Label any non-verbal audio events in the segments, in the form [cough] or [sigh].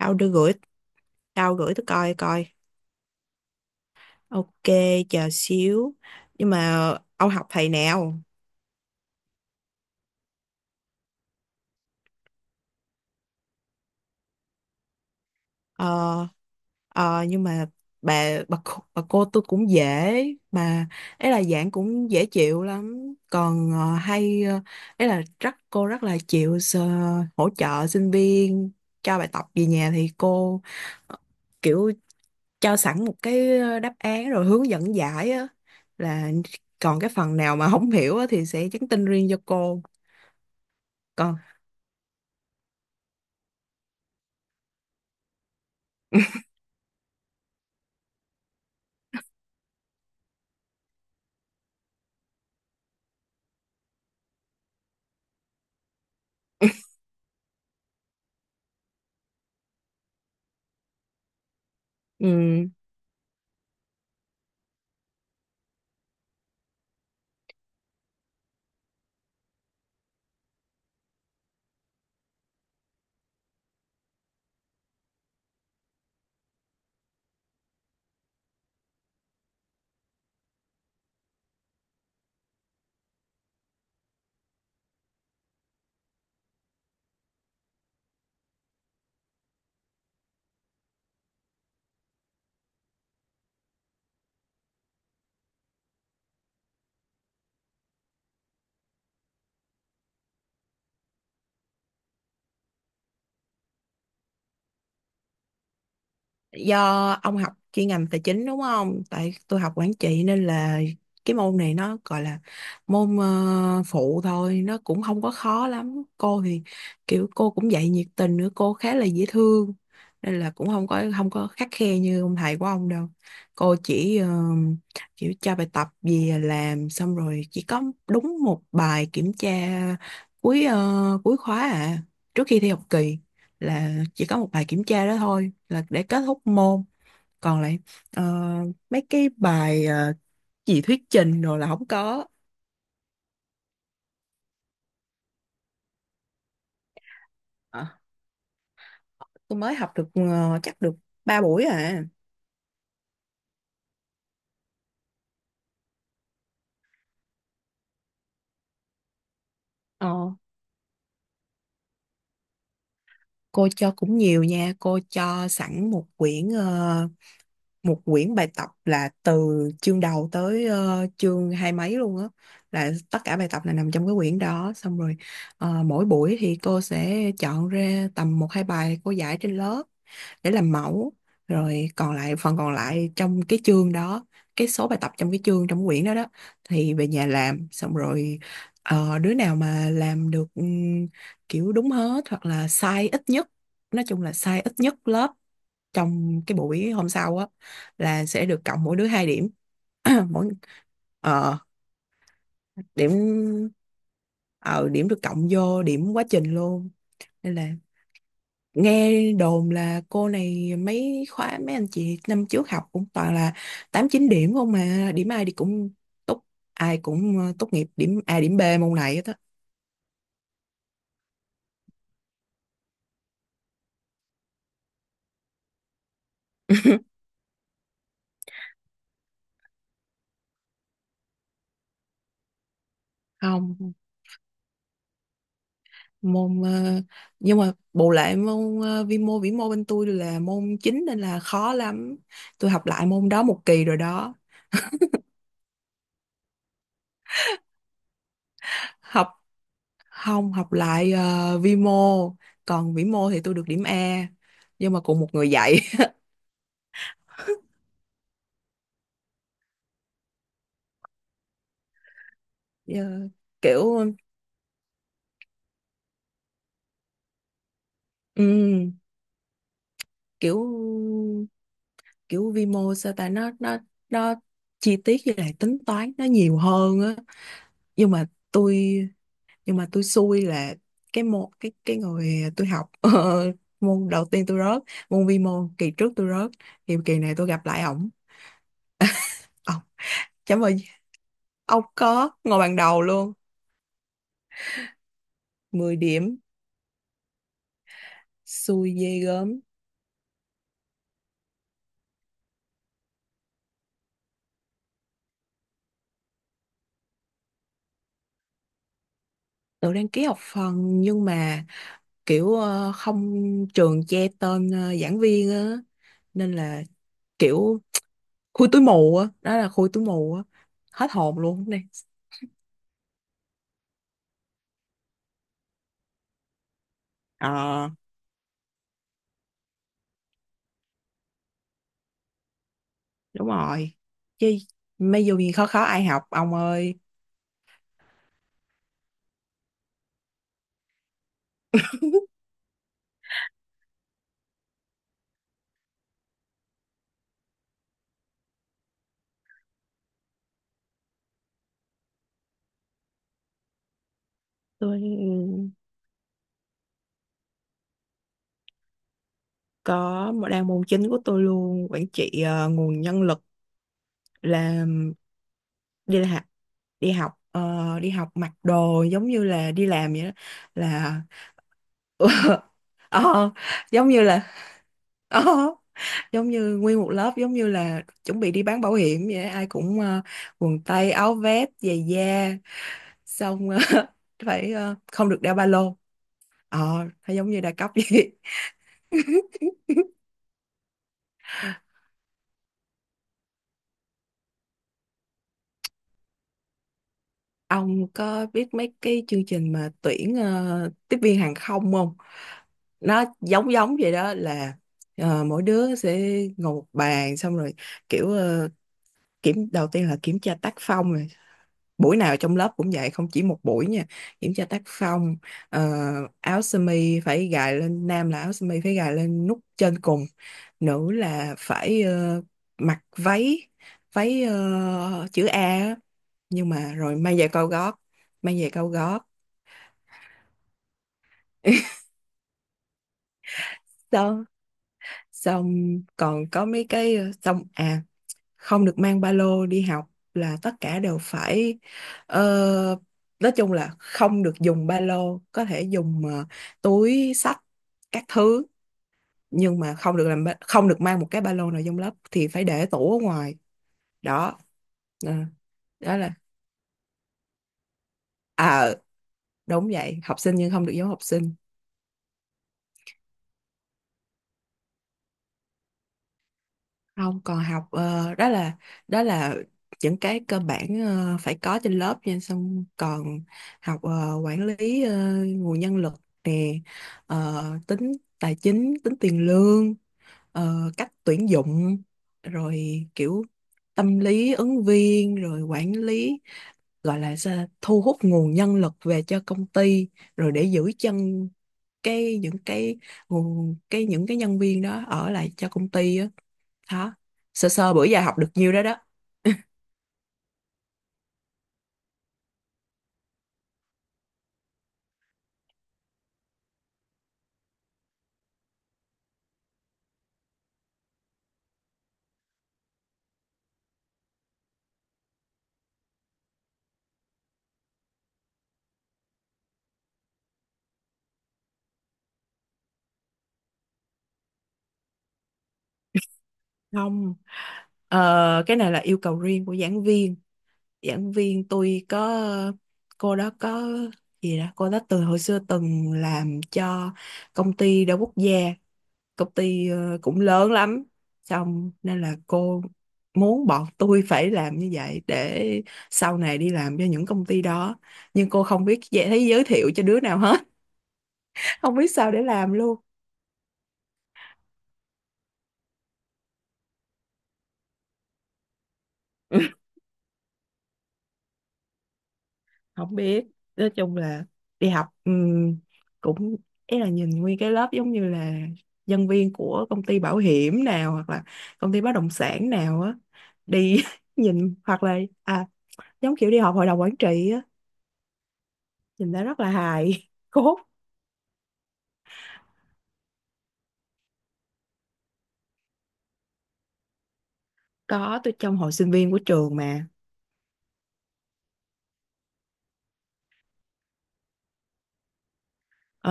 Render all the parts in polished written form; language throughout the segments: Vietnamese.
Tao đưa gửi, tao gửi tôi coi coi. Ok, chờ xíu. Nhưng mà ông học thầy nào? ờ nhưng mà bà cô tôi cũng dễ mà. Ấy là giảng cũng dễ chịu lắm, còn hay ấy là rất cô rất là chịu hỗ trợ sinh viên. Cho bài tập về nhà thì cô ờ, kiểu cho sẵn một cái đáp án rồi hướng dẫn giải á, là còn cái phần nào mà không hiểu á thì sẽ nhắn tin riêng cho cô. Còn [laughs] ừ. Do ông học chuyên ngành tài chính đúng không? Tại tôi học quản trị nên là cái môn này nó gọi là môn phụ thôi, nó cũng không có khó lắm. Cô thì kiểu cô cũng dạy nhiệt tình nữa, cô khá là dễ thương nên là cũng không có khắt khe như ông thầy của ông đâu. Cô chỉ kiểu cho bài tập về làm xong rồi chỉ có đúng một bài kiểm tra cuối khóa à, trước khi thi học kỳ, là chỉ có một bài kiểm tra đó thôi là để kết thúc môn. Còn lại ờ, mấy cái bài gì thuyết trình rồi là không có. Ờ, tôi mới học được chắc được 3 buổi à. Ờ, cô cho cũng nhiều nha, cô cho sẵn một quyển một quyển bài tập là từ chương đầu tới chương hai mấy luôn á, là tất cả bài tập là nằm trong cái quyển đó. Xong rồi mỗi buổi thì cô sẽ chọn ra tầm một hai bài cô giải trên lớp để làm mẫu, rồi còn lại phần còn lại trong cái chương đó, cái số bài tập trong cái chương trong quyển đó đó, thì về nhà làm. Xong rồi đứa nào mà làm được kiểu đúng hết hoặc là sai ít nhất, nói chung là sai ít nhất lớp, trong cái buổi hôm sau á là sẽ được cộng mỗi đứa hai điểm. [clears throat] mỗi ờ điểm ờ điểm được cộng vô điểm quá trình luôn, nên là nghe đồn là cô này mấy khóa mấy anh chị năm trước học cũng toàn là tám chín điểm không, mà điểm ai thì cũng tốt, ai cũng tốt nghiệp điểm A điểm B môn này hết á. [laughs] Không. môn ờ, nhưng mà bù lại môn vi mô vĩ mô bên tôi là môn chính nên là khó lắm, tôi học lại môn đó một kỳ rồi đó. học Không, học lại vi mô, còn vĩ mô thì tôi được điểm A, nhưng mà cùng một người dạy. [laughs] Ờ, Kiểu ừm, kiểu kiểu vi mô sao ta, nó nó chi tiết với lại tính toán nó nhiều hơn á. nhưng mà tôi nhưng mà tôi xui là cái môn cái người tôi học [laughs] môn đầu tiên tôi rớt, môn vi mô kỳ trước tôi rớt, thì kỳ này tôi gặp lại ổng. Ông... chấm ơi, ông có ngồi bàn đầu luôn. 10 điểm, xui ghê gớm. Tôi đăng ký học phần, nhưng mà kiểu không, trường che tên giảng viên á, nên là kiểu khui túi mù á, đó là khui túi mù á. Hết hồn luôn đây. Ờ Đúng rồi chứ, mấy dù gì khó, khó ai học ông ơi. Tôi có một đang môn chính của tôi luôn, quản trị nguồn nhân lực. là là học, đi học đi học mặc đồ giống như là đi làm vậy đó, là [laughs] ờ, giống như là ờ, giống như nguyên một lớp giống như là chuẩn bị đi bán bảo hiểm vậy đó. Ai cũng quần tây áo vest giày da, xong [laughs] phải không được đeo ba lô. ờ nó giống như đa cấp vậy. [laughs] Ông có biết mấy cái chương trình mà tuyển tiếp viên hàng không không? Nó giống giống vậy đó, là mỗi đứa sẽ ngồi một bàn, xong rồi kiểu kiểm đầu tiên là kiểm tra tác phong. Rồi buổi nào trong lớp cũng vậy, không chỉ một buổi nha. Kiểm tra tác phong, ờ, áo sơ mi phải gài lên, nam là áo sơ mi phải gài lên nút trên cùng, nữ là phải mặc váy, váy chữ A á. Nhưng mà rồi may giày cao gót, may giày cao gót. [laughs] Xong, xong còn có mấy cái xong à, không được mang ba lô đi học, là tất cả đều phải ờ, nói chung là không được dùng ba lô, có thể dùng túi xách các thứ, nhưng mà không được mang một cái ba lô nào trong lớp, thì phải để tủ ở ngoài đó. Ờ, Đó là à đúng vậy, học sinh nhưng không được giống học sinh. Không, còn học đó là đó là những cái cơ bản phải có trên lớp nha, xong còn học quản lý nguồn nhân lực nè, tính tài chính, tính tiền lương, cách tuyển dụng, rồi kiểu tâm lý ứng viên, rồi quản lý gọi là sao, thu hút nguồn nhân lực về cho công ty, rồi để giữ chân cái những cái nguồn cái những cái nhân viên đó ở lại cho công ty á. Đó. Sơ sơ bữa giờ học được nhiêu đó đó. [laughs] Không, cái này là yêu cầu riêng của giảng viên. Giảng viên tôi có, cô đó có gì đó, cô đó từ hồi xưa từng làm cho công ty đa quốc gia, công ty cũng lớn lắm. Xong nên là cô muốn bọn tôi phải làm như vậy để sau này đi làm cho những công ty đó. Nhưng cô không biết dễ thấy giới thiệu cho đứa nào hết, [laughs] không biết sao để làm luôn. [laughs] Không biết, nói chung là đi học cũng, ý là nhìn nguyên cái lớp giống như là nhân viên của công ty bảo hiểm nào hoặc là công ty bất động sản nào á, đi [laughs] nhìn, hoặc là à giống kiểu đi họp hội đồng quản trị á, nhìn đã rất là hài [laughs] cốt. Có, tôi trong hội sinh viên của trường mà. Ờ,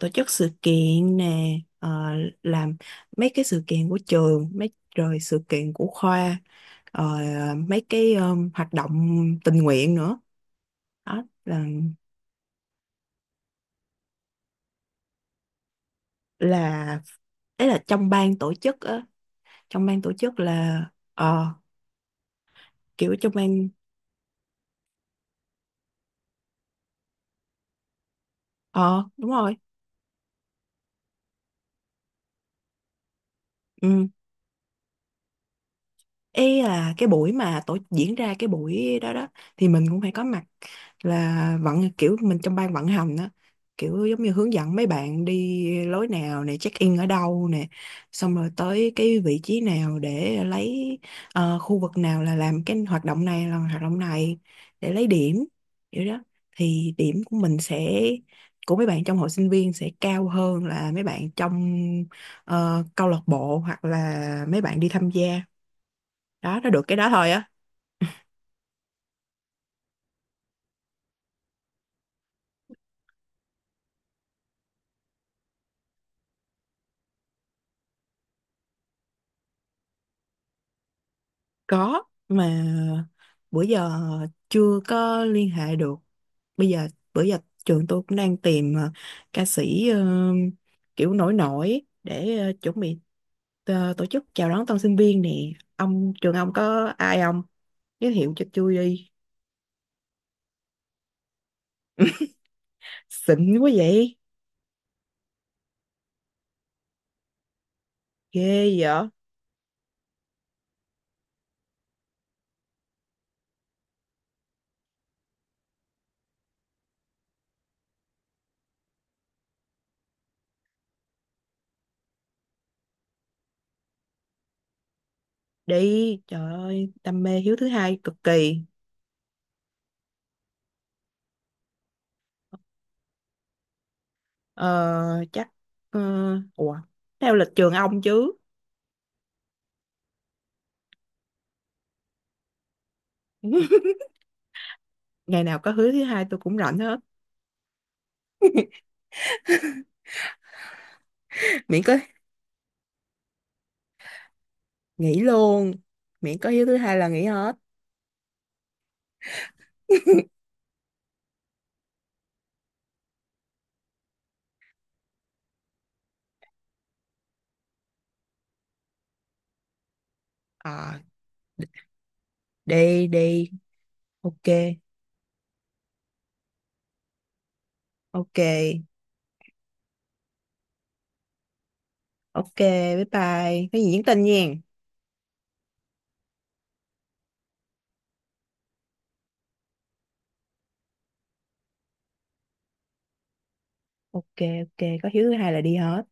Tổ chức sự kiện nè, ờ, làm mấy cái sự kiện của trường mấy, rồi sự kiện của khoa, ờ, mấy cái hoạt động tình nguyện nữa, đó là là ấy là trong ban tổ chức á. Trong ban tổ chức là ờ kiểu trong ban. Ờ Đúng rồi. Ừ, ý là cái buổi mà tổ diễn ra cái buổi đó đó thì mình cũng phải có mặt, là vận kiểu mình trong ban vận hành đó, kiểu giống như hướng dẫn mấy bạn đi lối nào nè, check in ở đâu nè, xong rồi tới cái vị trí nào để lấy khu vực nào là làm cái hoạt động này là hoạt động này để lấy điểm, kiểu đó, thì điểm của mình sẽ của mấy bạn trong hội sinh viên sẽ cao hơn là mấy bạn trong câu lạc bộ hoặc là mấy bạn đi tham gia. Đó, nó được cái đó thôi á. Có, mà bữa giờ chưa có liên hệ được. Bây giờ bữa giờ trường tôi cũng đang tìm ca sĩ kiểu nổi nổi để chuẩn bị tổ chức chào đón tân sinh viên nè. Ông, trường ông có ai không? Giới thiệu cho tôi đi. [laughs] Xịn quá vậy. Ghê vậy. Đi, trời ơi, đam mê Hiếu Thứ Hai cực kỳ. Ờ Chắc, ờ ủa, theo lịch trường ông chứ. [laughs] Ngày nào có Hứa Thứ Hai tôi cũng rảnh hết. Miễn có, nghỉ luôn. Miễn có Hứa Thứ Hai là nghỉ hết. [laughs] À, đi đi. Ok, ok. Ok, bye bye, cái gì nhắn tin nha. Ok, ok, có Hứa Thứ Hai là đi hết.